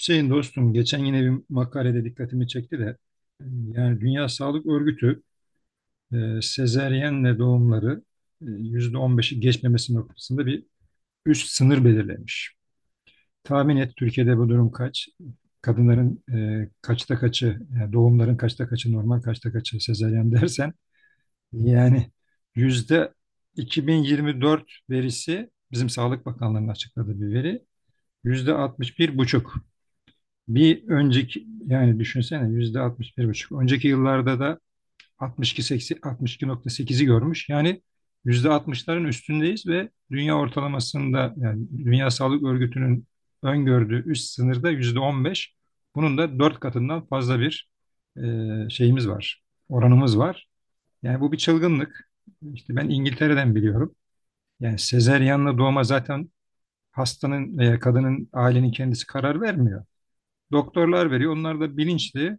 Hüseyin dostum geçen yine bir makalede dikkatimi çekti de yani Dünya Sağlık Örgütü sezeryenle doğumları %15'i geçmemesi noktasında bir üst sınır belirlemiş. Tahmin et Türkiye'de bu durum kaç? Kadınların kaçta kaçı, yani doğumların kaçta kaçı normal, kaçta kaçı sezeryen dersen yani yüzde 2024 verisi bizim Sağlık Bakanlığı'nın açıkladığı bir veri %61,5. Bir önceki yani düşünsene %61,5. Önceki yıllarda da 60, 62,80, 62,8 görmüş. Yani %60 üstündeyiz ve dünya ortalamasında yani Dünya Sağlık Örgütü'nün öngördüğü üst sınırda %15. Bunun da 4 katından fazla bir şeyimiz var. Oranımız var. Yani bu bir çılgınlık. İşte ben İngiltere'den biliyorum. Yani sezeryanla doğuma zaten hastanın veya kadının ailenin kendisi karar vermiyor. Doktorlar veriyor. Onlar da bilinçli.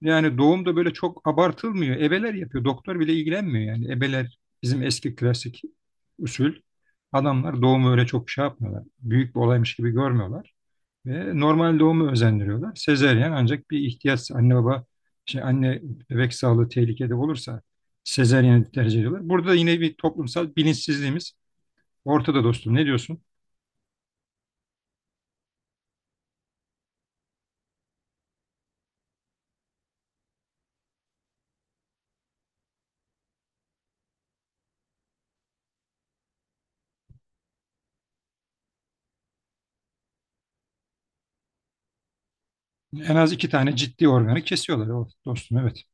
Yani doğum da böyle çok abartılmıyor. Ebeler yapıyor. Doktor bile ilgilenmiyor yani. Ebeler bizim eski klasik usul. Adamlar doğumu öyle çok şey yapmıyorlar. Büyük bir olaymış gibi görmüyorlar. Ve normal doğumu özendiriyorlar. Sezeryen ancak bir ihtiyaç, anne baba anne bebek sağlığı tehlikede olursa sezeryeni tercih ediyorlar. Burada yine bir toplumsal bilinçsizliğimiz ortada dostum. Ne diyorsun? En az iki tane ciddi organı kesiyorlar. O dostum, evet.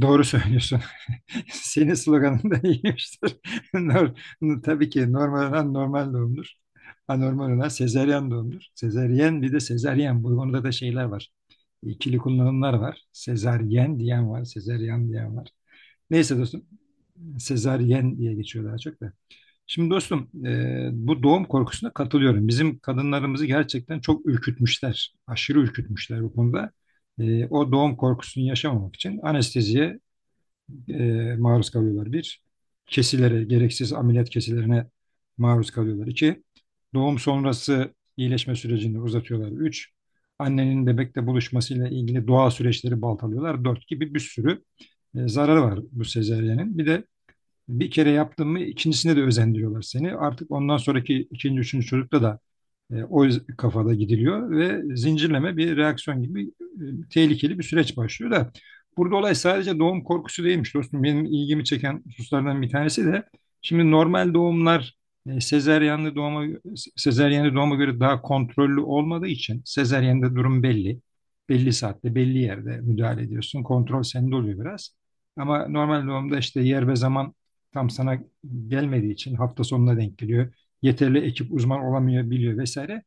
Doğru söylüyorsun. Senin sloganın da iyiymiştir. Nor- Tabii ki normal olan normal doğumdur. Anormal olan sezeryan doğumdur. Sezaryen, bir de sezaryen. Bu konuda da şeyler var. İkili kullanımlar var. Sezaryen diyen var, sezaryen diyen var. Neyse dostum. Sezaryen diye geçiyor daha çok da. Şimdi dostum, bu doğum korkusuna katılıyorum. Bizim kadınlarımızı gerçekten çok ürkütmüşler. Aşırı ürkütmüşler bu konuda. O doğum korkusunu yaşamamak için anesteziye maruz kalıyorlar. Bir, kesilere, gereksiz ameliyat kesilerine maruz kalıyorlar. İki, doğum sonrası iyileşme sürecini uzatıyorlar. Üç, annenin bebekle buluşmasıyla ilgili doğal süreçleri baltalıyorlar. Dört, gibi bir sürü zararı var bu sezeryenin. Bir de bir kere yaptın mı ikincisine de özendiriyorlar seni. Artık ondan sonraki ikinci, üçüncü çocukta da o kafada gidiliyor ve zincirleme bir reaksiyon gibi tehlikeli bir süreç başlıyor da burada olay sadece doğum korkusu değilmiş dostum. Benim ilgimi çeken hususlardan bir tanesi de şimdi normal doğumlar sezeryanlı doğuma sezeryanlı doğuma göre daha kontrollü olmadığı için sezeryanda durum belli. Belli saatte, belli yerde müdahale ediyorsun. Kontrol sende oluyor biraz. Ama normal doğumda işte yer ve zaman tam sana gelmediği için hafta sonuna denk geliyor. Yeterli ekip uzman olamıyor, biliyor vesaire.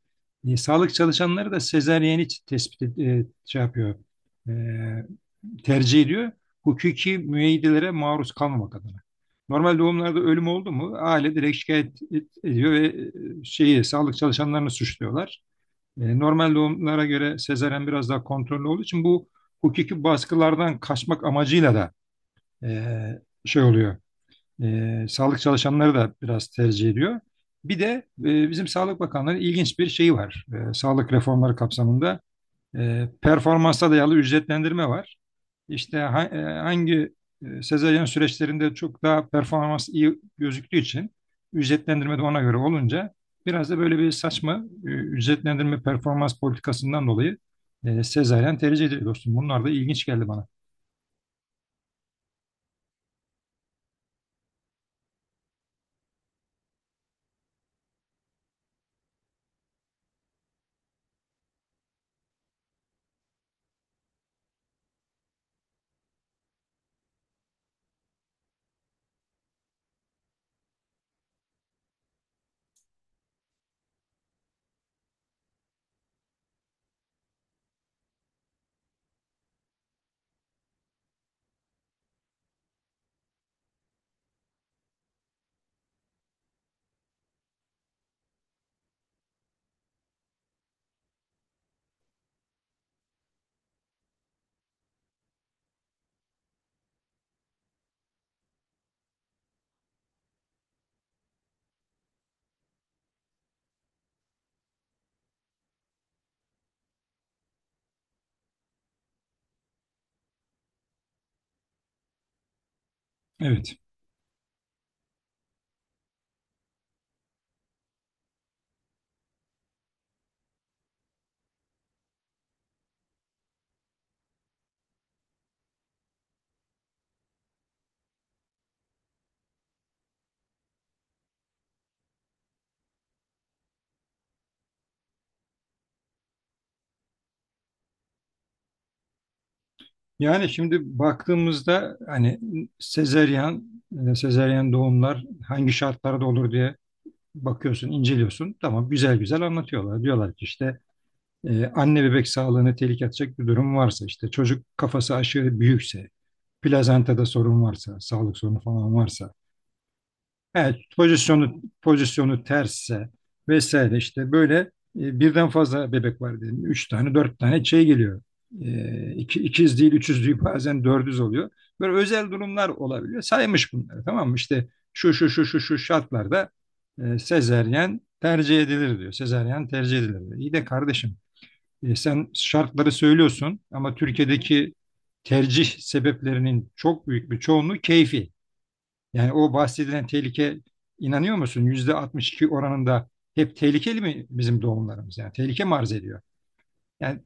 Sağlık çalışanları da sezaryeni şey yapıyor, e, tercih ediyor. Hukuki müeyyidelere maruz kalmamak adına. Normal doğumlarda ölüm oldu mu aile direkt ediyor ve e, şeyi sağlık çalışanlarını suçluyorlar. Normal doğumlara göre sezaryen biraz daha kontrollü olduğu için bu hukuki baskılardan kaçmak amacıyla da e, şey oluyor, sağlık çalışanları da biraz tercih ediyor. Bir de bizim Sağlık Bakanlığı'nın ilginç bir şeyi var. Sağlık reformları kapsamında performansa dayalı ücretlendirme var. İşte hangi sezaryen süreçlerinde çok daha performans iyi gözüktüğü için ücretlendirme de ona göre olunca biraz da böyle bir saçma ücretlendirme performans politikasından dolayı sezaryen tercih ediliyor dostum. Bunlar da ilginç geldi bana. Evet. Yani şimdi baktığımızda hani sezeryan, sezeryan doğumlar hangi şartlarda olur diye bakıyorsun, inceliyorsun. Tamam, güzel güzel anlatıyorlar. Diyorlar ki işte anne bebek sağlığını tehlikeye atacak bir durum varsa, işte çocuk kafası aşırı büyükse, plazantada sorun varsa, sağlık sorunu falan varsa, evet, pozisyonu tersse vesaire, işte böyle birden fazla bebek var, dedim üç tane, dört tane şey geliyor. İkiz değil, üçüz değil, bazen dördüz oluyor. Böyle özel durumlar olabiliyor. Saymış bunları, tamam mı? İşte şu şu şu şu şu şartlarda sezeryen tercih edilir diyor. Sezeryen tercih edilir diyor. İyi de kardeşim, sen şartları söylüyorsun ama Türkiye'deki tercih sebeplerinin çok büyük bir çoğunluğu keyfi. Yani o bahsedilen tehlike, inanıyor musun? Yüzde 62 oranında hep tehlikeli mi bizim doğumlarımız? Yani tehlike mi arz ediyor? Yani,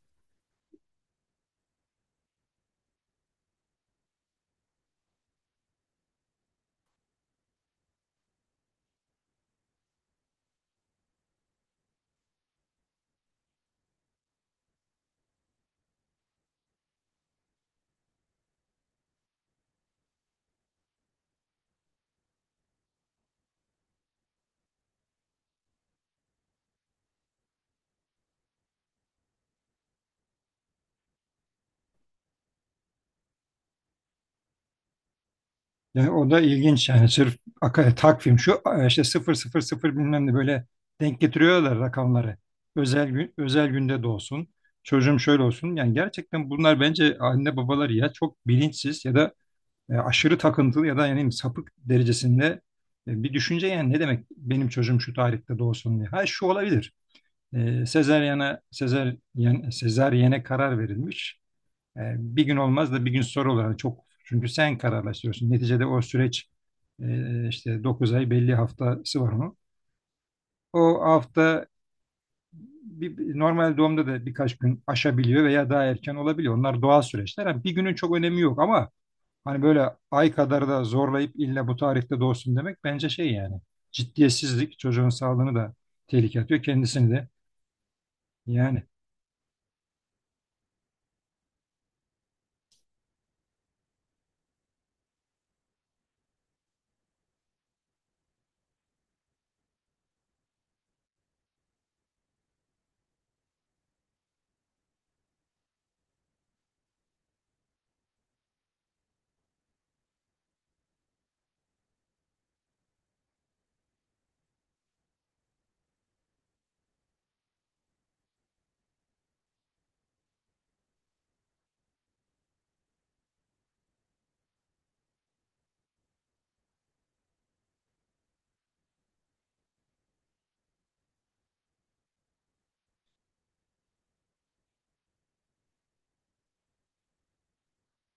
yani o da ilginç yani sırf takvim şu işte 000 bilmem ne böyle denk getiriyorlar rakamları. Özel gün, özel günde doğsun. Çocuğum şöyle olsun. Yani gerçekten bunlar bence anne babalar ya çok bilinçsiz ya da aşırı takıntılı ya da yani sapık derecesinde bir düşünce yani, ne demek benim çocuğum şu tarihte doğsun diye. Ha, şu olabilir. Sezeryene karar verilmiş. Bir gün olmaz da bir gün sonra olur. Yani çok, çünkü sen kararlaştırıyorsun. Neticede o süreç, işte 9 ay, belli haftası var onun. O hafta normal doğumda da birkaç gün aşabiliyor veya daha erken olabiliyor. Onlar doğal süreçler. Yani bir günün çok önemi yok ama hani böyle ay kadar da zorlayıp illa bu tarihte doğsun demek, bence şey yani ciddiyetsizlik, çocuğun sağlığını da tehlikeye atıyor, kendisini de yani.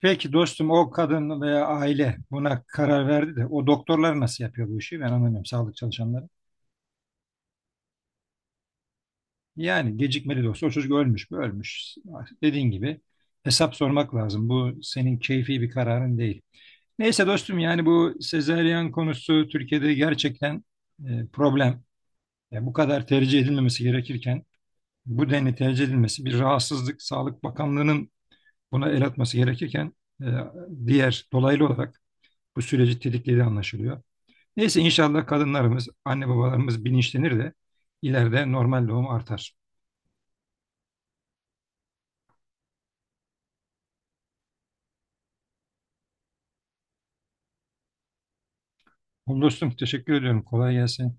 Peki dostum, o kadın veya aile buna karar verdi de o doktorlar nasıl yapıyor bu işi, ben anlamıyorum, sağlık çalışanları. Yani gecikmeli de olsa o çocuk ölmüş mü, ölmüş. Dediğin gibi hesap sormak lazım. Bu senin keyfi bir kararın değil. Neyse dostum, yani bu sezaryen konusu Türkiye'de gerçekten problem. Yani bu kadar tercih edilmemesi gerekirken bu denli tercih edilmesi bir rahatsızlık. Sağlık Bakanlığı'nın buna el atması gerekirken e, diğer dolaylı olarak bu süreci tetiklediği anlaşılıyor. Neyse inşallah kadınlarımız, anne babalarımız bilinçlenir de ileride normal doğum artar. Oğlum dostum teşekkür ediyorum. Kolay gelsin.